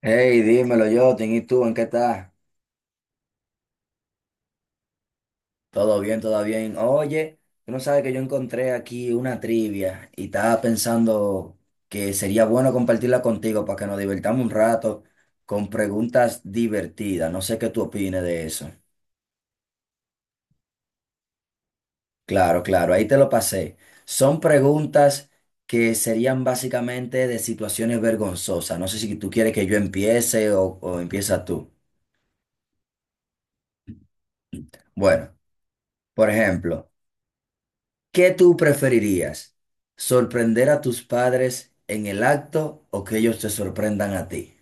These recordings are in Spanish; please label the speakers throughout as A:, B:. A: Hey, dímelo, yo. ¿Y tú en qué estás? Todo bien, todo bien. Oye, tú no sabes que yo encontré aquí una trivia y estaba pensando que sería bueno compartirla contigo para que nos divertamos un rato con preguntas divertidas. No sé qué tú opines de eso. Claro, claro, ahí te lo pasé. Son preguntas que serían básicamente de situaciones vergonzosas. No sé si tú quieres que yo empiece o empieza tú. Bueno, por ejemplo. ¿Qué tú preferirías? ¿Sorprender a tus padres en el acto o que ellos te sorprendan a ti?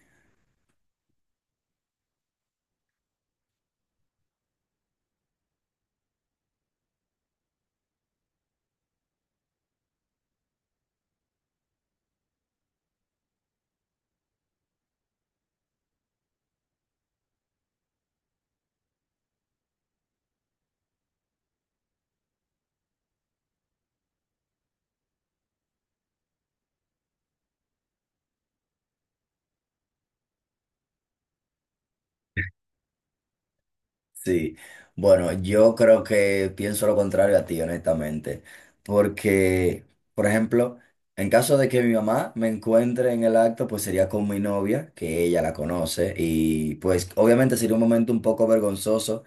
A: Sí, bueno, yo creo que pienso lo contrario a ti, honestamente, porque, por ejemplo, en caso de que mi mamá me encuentre en el acto, pues sería con mi novia, que ella la conoce, y pues obviamente sería un momento un poco vergonzoso.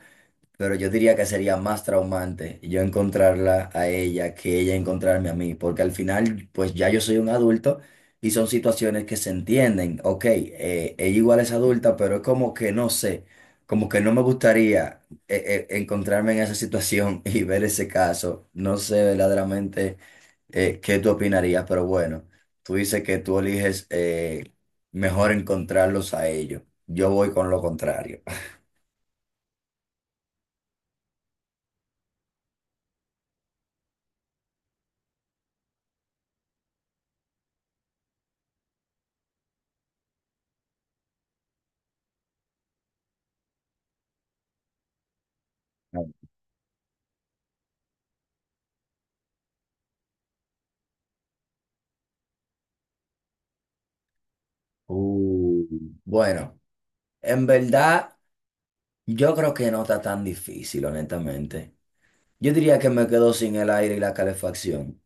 A: Pero yo diría que sería más traumante yo encontrarla a ella que ella encontrarme a mí, porque al final, pues ya yo soy un adulto y son situaciones que se entienden. Ok, ella igual es adulta, pero es como que no sé, como que no me gustaría encontrarme en esa situación y ver ese caso. No sé verdaderamente qué tú opinarías, pero bueno, tú dices que tú eliges mejor encontrarlos a ellos. Yo voy con lo contrario. Uh, bueno. En verdad, yo creo que no está tan difícil, honestamente. Yo diría que me quedo sin el aire y la calefacción.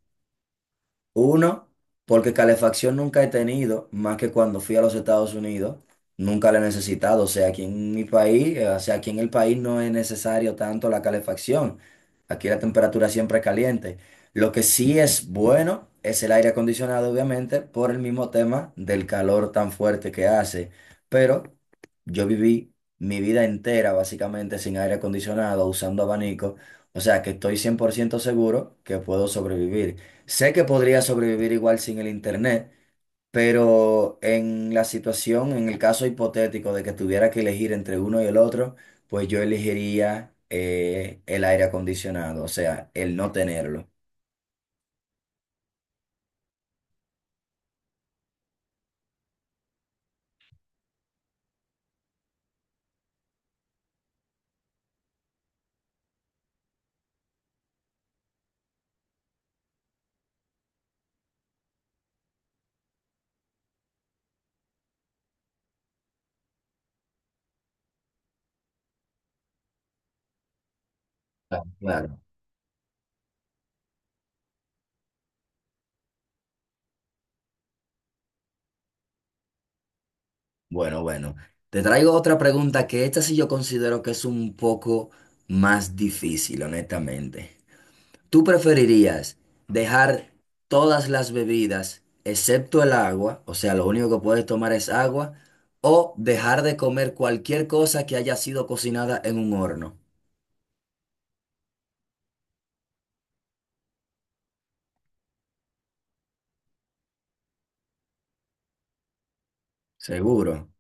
A: Uno, porque calefacción nunca he tenido, más que cuando fui a los Estados Unidos, nunca la he necesitado. O sea, aquí en mi país, o sea, aquí en el país no es necesario tanto la calefacción. Aquí la temperatura siempre es caliente. Lo que sí es bueno es el aire acondicionado, obviamente, por el mismo tema del calor tan fuerte que hace. Pero yo viví mi vida entera básicamente sin aire acondicionado, usando abanico. O sea, que estoy 100% seguro que puedo sobrevivir. Sé que podría sobrevivir igual sin el internet, pero en la situación, en el caso hipotético de que tuviera que elegir entre uno y el otro, pues yo elegiría el aire acondicionado, o sea, el no tenerlo. Claro, claro. Bueno, bueno. Te traigo otra pregunta que esta sí yo considero que es un poco más difícil, honestamente. ¿Tú preferirías dejar todas las bebidas excepto el agua, o sea, lo único que puedes tomar es agua, o dejar de comer cualquier cosa que haya sido cocinada en un horno? Seguro.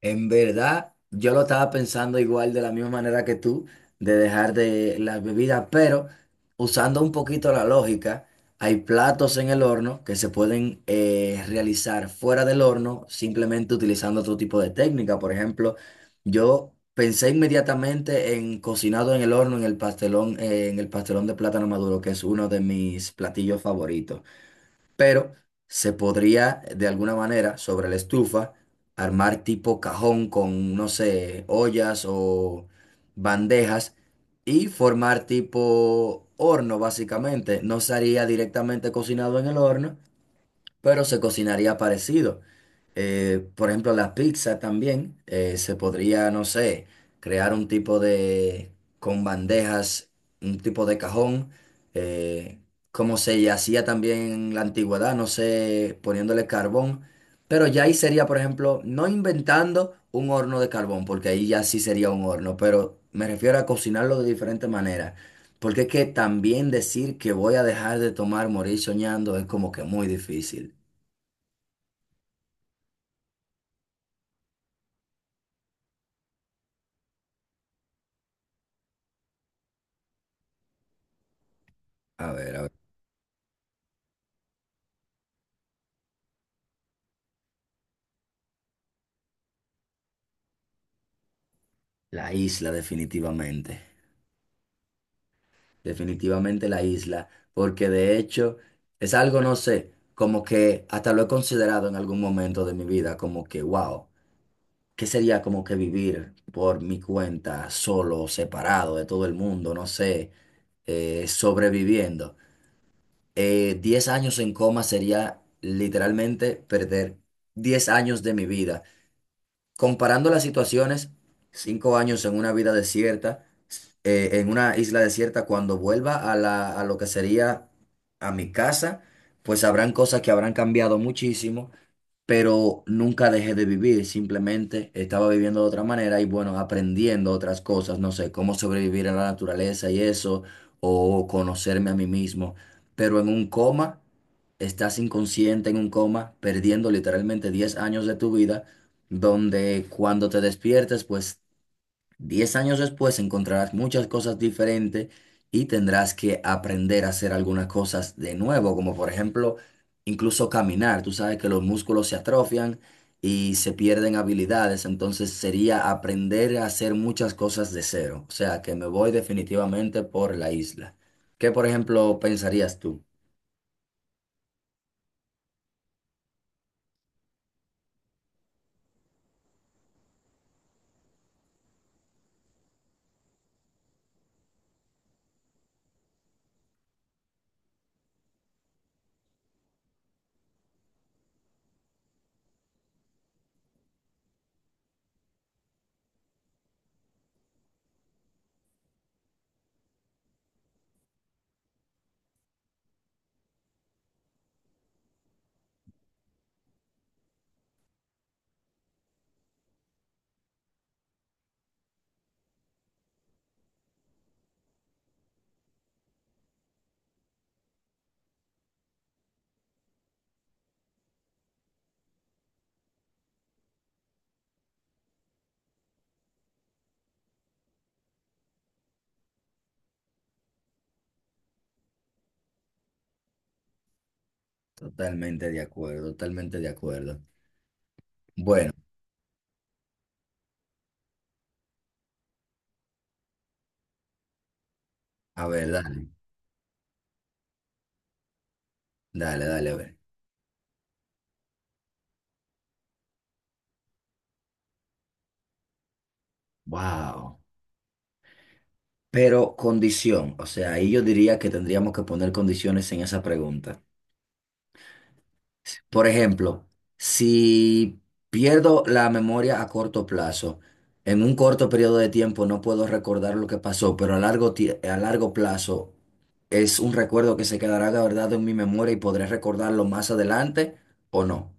A: En verdad, yo lo estaba pensando igual de la misma manera que tú, de dejar de las bebidas, pero usando un poquito la lógica, hay platos en el horno que se pueden realizar fuera del horno simplemente utilizando otro tipo de técnica. Por ejemplo, yo pensé inmediatamente en cocinado en el horno, en el pastelón de plátano maduro, que es uno de mis platillos favoritos, pero se podría de alguna manera sobre la estufa armar tipo cajón con, no sé, ollas o bandejas y formar tipo horno básicamente. No sería directamente cocinado en el horno, pero se cocinaría parecido. Por ejemplo, la pizza también se podría, no sé, crear un tipo de, con bandejas, un tipo de cajón, eh, como se hacía también en la antigüedad, no sé, poniéndole carbón, pero ya ahí sería, por ejemplo, no inventando un horno de carbón, porque ahí ya sí sería un horno, pero me refiero a cocinarlo de diferente manera, porque es que también decir que voy a dejar de tomar, morir soñando, es como que muy difícil. A ver, a ver. La isla, definitivamente. Definitivamente la isla, porque de hecho es algo, no sé, como que hasta lo he considerado en algún momento de mi vida, como que, wow, ¿qué sería como que vivir por mi cuenta, solo, separado de todo el mundo, no sé, sobreviviendo? 10 años en coma sería literalmente perder 10 años de mi vida. Comparando las situaciones, 5 años en una vida desierta en una isla desierta, cuando vuelva a la, a lo que sería a mi casa, pues habrán cosas que habrán cambiado muchísimo, pero nunca dejé de vivir, simplemente estaba viviendo de otra manera y bueno, aprendiendo otras cosas, no sé, cómo sobrevivir a la naturaleza y eso, o conocerme a mí mismo, pero en un coma, estás inconsciente en un coma, perdiendo literalmente 10 años de tu vida, donde cuando te despiertes, pues 10 años después encontrarás muchas cosas diferentes y tendrás que aprender a hacer algunas cosas de nuevo, como por ejemplo, incluso caminar. Tú sabes que los músculos se atrofian y se pierden habilidades, entonces sería aprender a hacer muchas cosas de cero. O sea, que me voy definitivamente por la isla. ¿Qué, por ejemplo, pensarías tú? Totalmente de acuerdo, totalmente de acuerdo. Bueno, a ver, dale, dale, dale, a ver. Wow. Pero condición, o sea, ahí yo diría que tendríamos que poner condiciones en esa pregunta. Por ejemplo, si pierdo la memoria a corto plazo, en un corto periodo de tiempo no puedo recordar lo que pasó, pero a largo, a largo plazo es un recuerdo que se quedará guardado en mi memoria y podré recordarlo más adelante o no.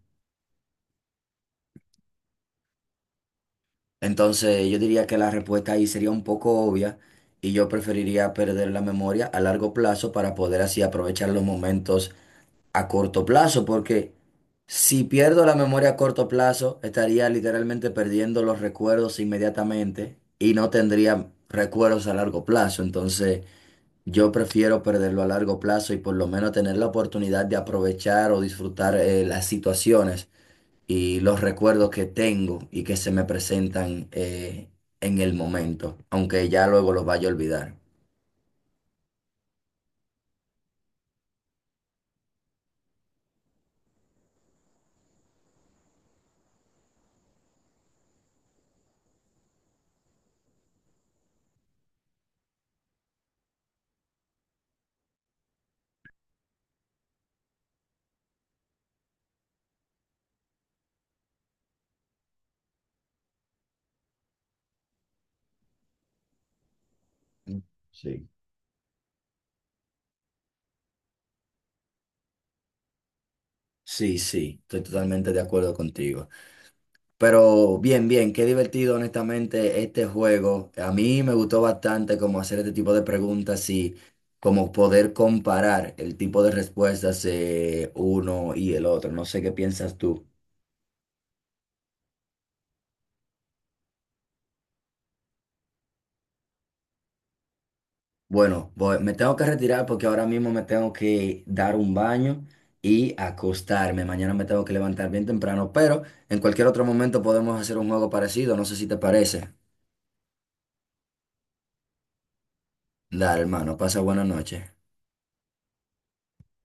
A: Entonces, yo diría que la respuesta ahí sería un poco obvia y yo preferiría perder la memoria a largo plazo para poder así aprovechar los momentos a corto plazo, porque si pierdo la memoria a corto plazo, estaría literalmente perdiendo los recuerdos inmediatamente y no tendría recuerdos a largo plazo. Entonces, yo prefiero perderlo a largo plazo y por lo menos tener la oportunidad de aprovechar o disfrutar las situaciones y los recuerdos que tengo y que se me presentan en el momento, aunque ya luego los vaya a olvidar. Sí. Sí, sí, estoy totalmente de acuerdo contigo. Pero bien, bien, qué divertido honestamente este juego. A mí me gustó bastante como hacer este tipo de preguntas y como poder comparar el tipo de respuestas uno y el otro. No sé qué piensas tú. Bueno, me tengo que retirar porque ahora mismo me tengo que dar un baño y acostarme. Mañana me tengo que levantar bien temprano, pero en cualquier otro momento podemos hacer un juego parecido. No sé si te parece. Dale, hermano, pasa buena noche.